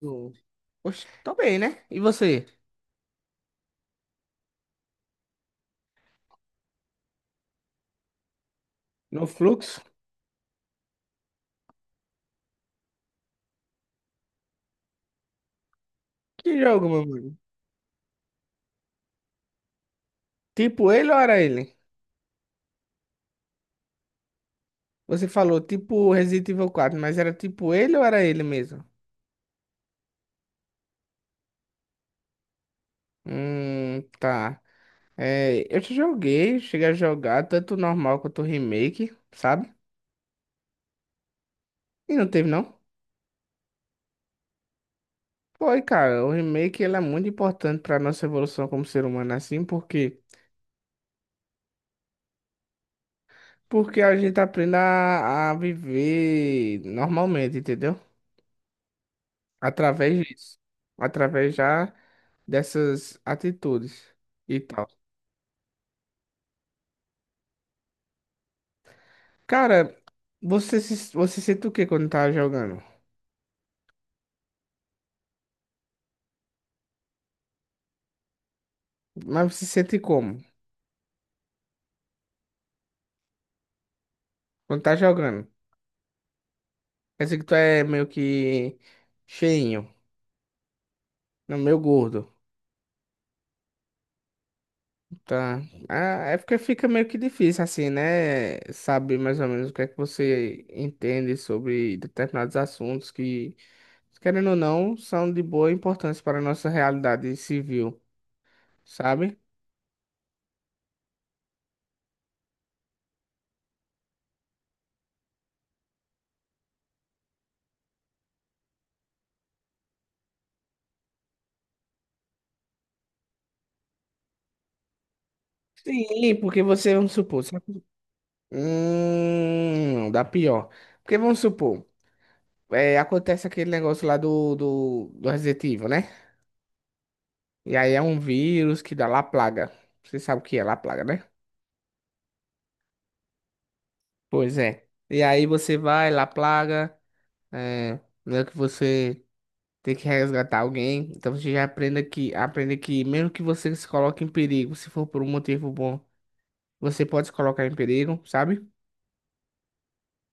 No- Oxe, tô bem, né? E você? No Fluxo? Que jogo, meu mano? Tipo ele ou era ele? Você falou tipo Resident Evil quatro, mas era tipo ele ou era ele mesmo? Tá. É, eu já joguei, cheguei a jogar tanto o normal quanto o remake, sabe? E não teve, não? Foi, cara. O remake ele é muito importante pra nossa evolução como ser humano, assim, porque a gente aprende a viver normalmente, entendeu? Através disso. Através já dessas atitudes e tal. Cara, você se, você sente o que quando tá jogando? Mas você sente como? Quando tá jogando? Quer dizer que tu é meio que cheinho, não, meio gordo, tá? Ah, é porque fica meio que difícil assim, né? Saber mais ou menos o que é que você entende sobre determinados assuntos que, querendo ou não, são de boa importância para a nossa realidade civil, sabe? Sim, porque você, vamos supor, sabe? Não, dá pior. Porque vamos supor, é, acontece aquele negócio lá do Resident Evil, né? E aí é um vírus que dá lá plaga. Você sabe o que é lá plaga, né? Pois é. E aí você vai lá plaga, é, meio que você tem que resgatar alguém. Então você já aprende que mesmo que você se coloque em perigo, se for por um motivo bom, você pode se colocar em perigo, sabe?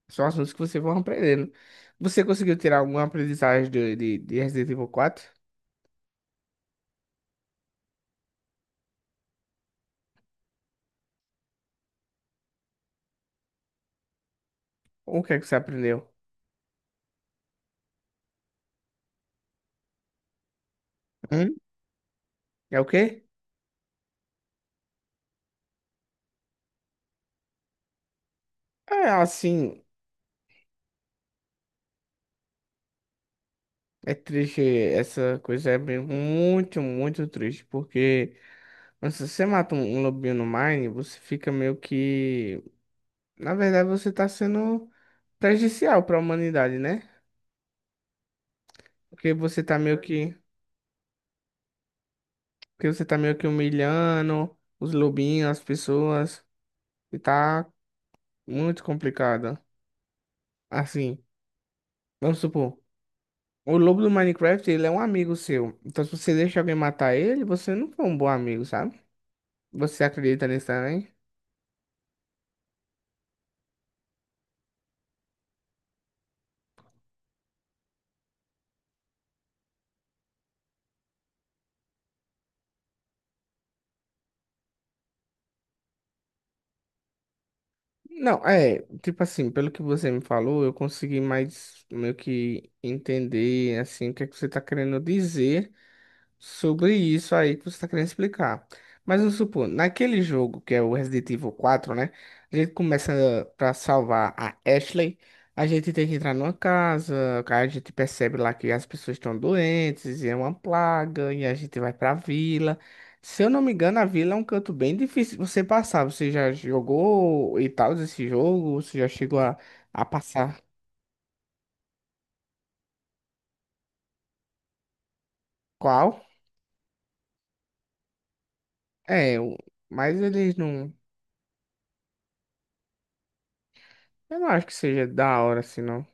São assuntos que você vai aprendendo. Você conseguiu tirar alguma aprendizagem de Resident Evil quatro? Ou o que é que você aprendeu? Hum? É o quê? É assim, é triste, essa coisa é muito, muito triste, porque quando você mata um lobinho no Mine, você fica meio que. Na verdade, você tá sendo prejudicial para a humanidade, né? Porque você tá meio que. Porque você tá meio que humilhando os lobinhos, as pessoas, e tá muito complicado. Assim. Vamos supor, o lobo do Minecraft, ele é um amigo seu. Então, se você deixa alguém matar ele, você não foi um bom amigo, sabe? Você acredita nisso também? Não, é, tipo assim, pelo que você me falou, eu consegui mais meio que entender, assim, o que é que você tá querendo dizer. Sobre isso aí que você está querendo explicar. Mas vamos supor, naquele jogo que é o Resident Evil quatro, né? A gente começa pra salvar a Ashley. A gente tem que entrar numa casa, a gente percebe lá que as pessoas estão doentes e é uma plaga, e a gente vai pra vila. Se eu não me engano, a vila é um canto bem difícil de você passar. Você já jogou e tal esse jogo? Você já chegou a passar qual? É, mas eles não. Eu não acho que seja da hora assim, não.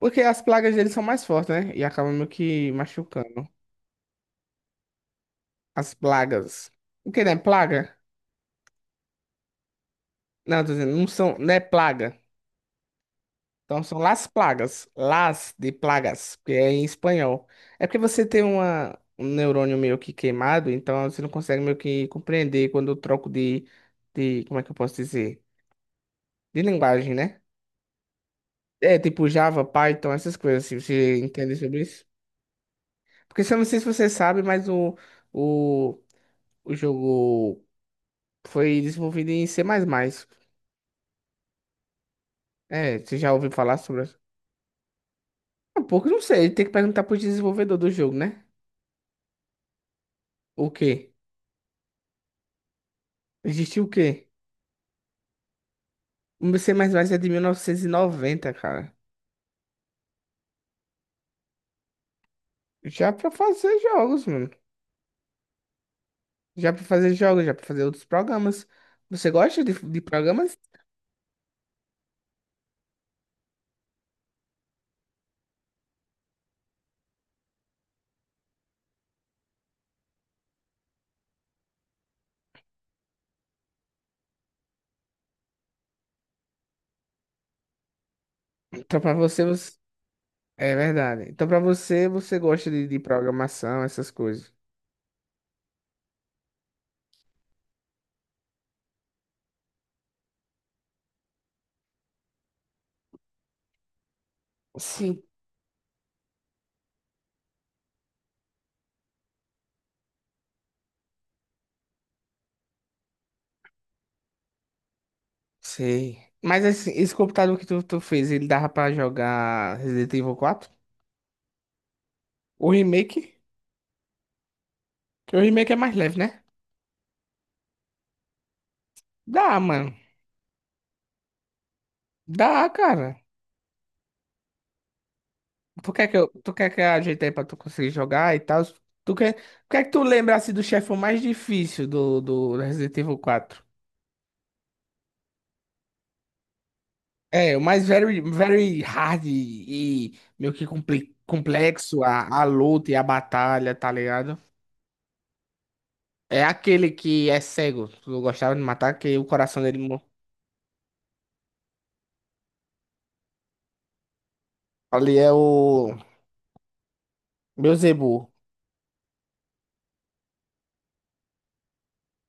Porque as plagas deles são mais fortes, né? E acabam meio que machucando. As plagas. O que, né? Plaga? Não, tô dizendo, não são, não é plaga. Então são las plagas. Las de plagas, que é em espanhol. É porque você tem um neurônio meio que queimado, então você não consegue meio que compreender quando eu troco de, como é que eu posso dizer? De linguagem, né? É, tipo Java, Python, essas coisas, se você entende sobre isso. Porque se eu não sei se você sabe, mas o, o jogo. Foi desenvolvido em C++. É, você já ouviu falar sobre isso? Um pouco, não sei. Tem que perguntar pro desenvolvedor do jogo, né? O quê? Existiu o quê? O C++ é de 1990, cara. Já pra fazer jogos, mano. Já pra fazer jogos, já pra fazer outros programas. Você gosta de programas? Então pra você. É verdade. Então pra você, você gosta de programação, essas coisas. Sim. Sei. Mas esse computador que tu fez, ele dava pra jogar Resident Evil quatro? O remake? O remake é mais leve, né? Dá, mano. Dá, cara. Tu quer que eu ajeite aí pra tu conseguir jogar e tal? Tu quer, o que é que tu lembra assim do chefe mais difícil do Resident Evil quatro. É, o mais very, very hard e meio que complexo a luta e a batalha, tá ligado? É aquele que é cego. Tu gostava de matar, que o coração dele. Ali é o Beelzebub.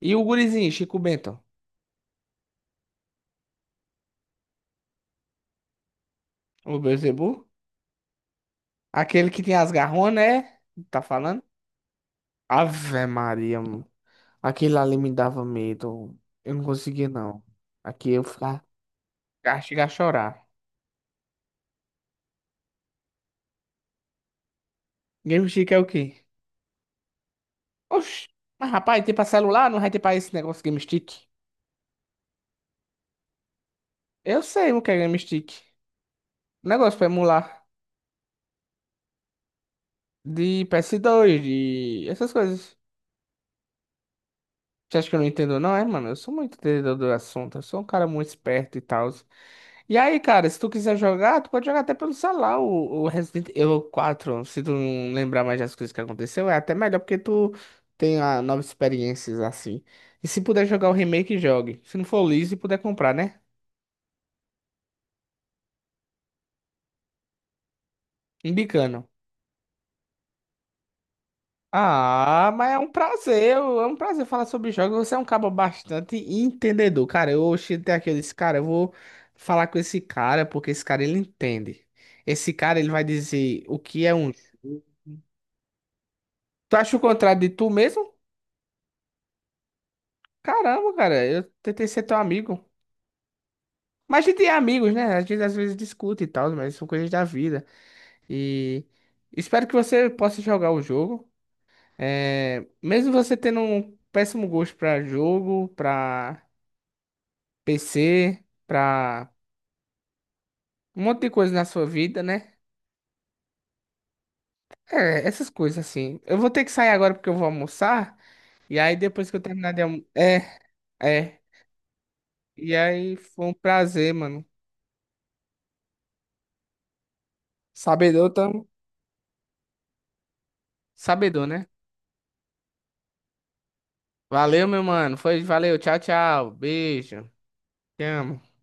E o gurizinho, Chico Bento. O Beelzebub? Aquele que tem as garronas, né? Tá falando? Ave Maria, mano. Aquele ali me dava medo. Eu não conseguia, não. Aqui eu ficava. Chegava a chorar. Game Stick é o quê? Oxi. Mas, rapaz, tem pra celular? Não vai ter pra esse negócio Game Stick? Eu sei o que é Game Stick. Negócio pra emular. De PS2, essas coisas. Você acha que eu não entendo, não? É, mano, eu sou muito entendedor do assunto. Eu sou um cara muito esperto e tal. E aí, cara, se tu quiser jogar, tu pode jogar até pelo celular o Resident Evil quatro. Se tu não lembrar mais das coisas que aconteceu, é até melhor porque tu tem novas experiências assim. E se puder jogar o remake, jogue. Se não for liso e puder comprar, né? Imbicano. Ah, mas é um prazer, é um prazer falar sobre jogos. Você é um cabo bastante entendedor, cara. Eu cheguei até aqui, eu disse, cara, eu vou falar com esse cara porque esse cara ele entende. Esse cara ele vai dizer o que é um. Tu acha o contrário de tu mesmo? Caramba, cara, eu tentei ser teu amigo. Mas a gente é amigos, né? A gente às vezes discute e tal, mas são coisas da vida. E espero que você possa jogar o jogo. É, mesmo você tendo um péssimo gosto pra jogo, pra PC, pra um monte de coisa na sua vida, né? É, essas coisas assim. Eu vou ter que sair agora porque eu vou almoçar. E aí depois que eu terminar de almoçar. É, é. E aí foi um prazer, mano. Sabedor, tamo. Sabedor, né? Valeu, meu mano. Foi, valeu. Tchau, tchau. Beijo. Te amo.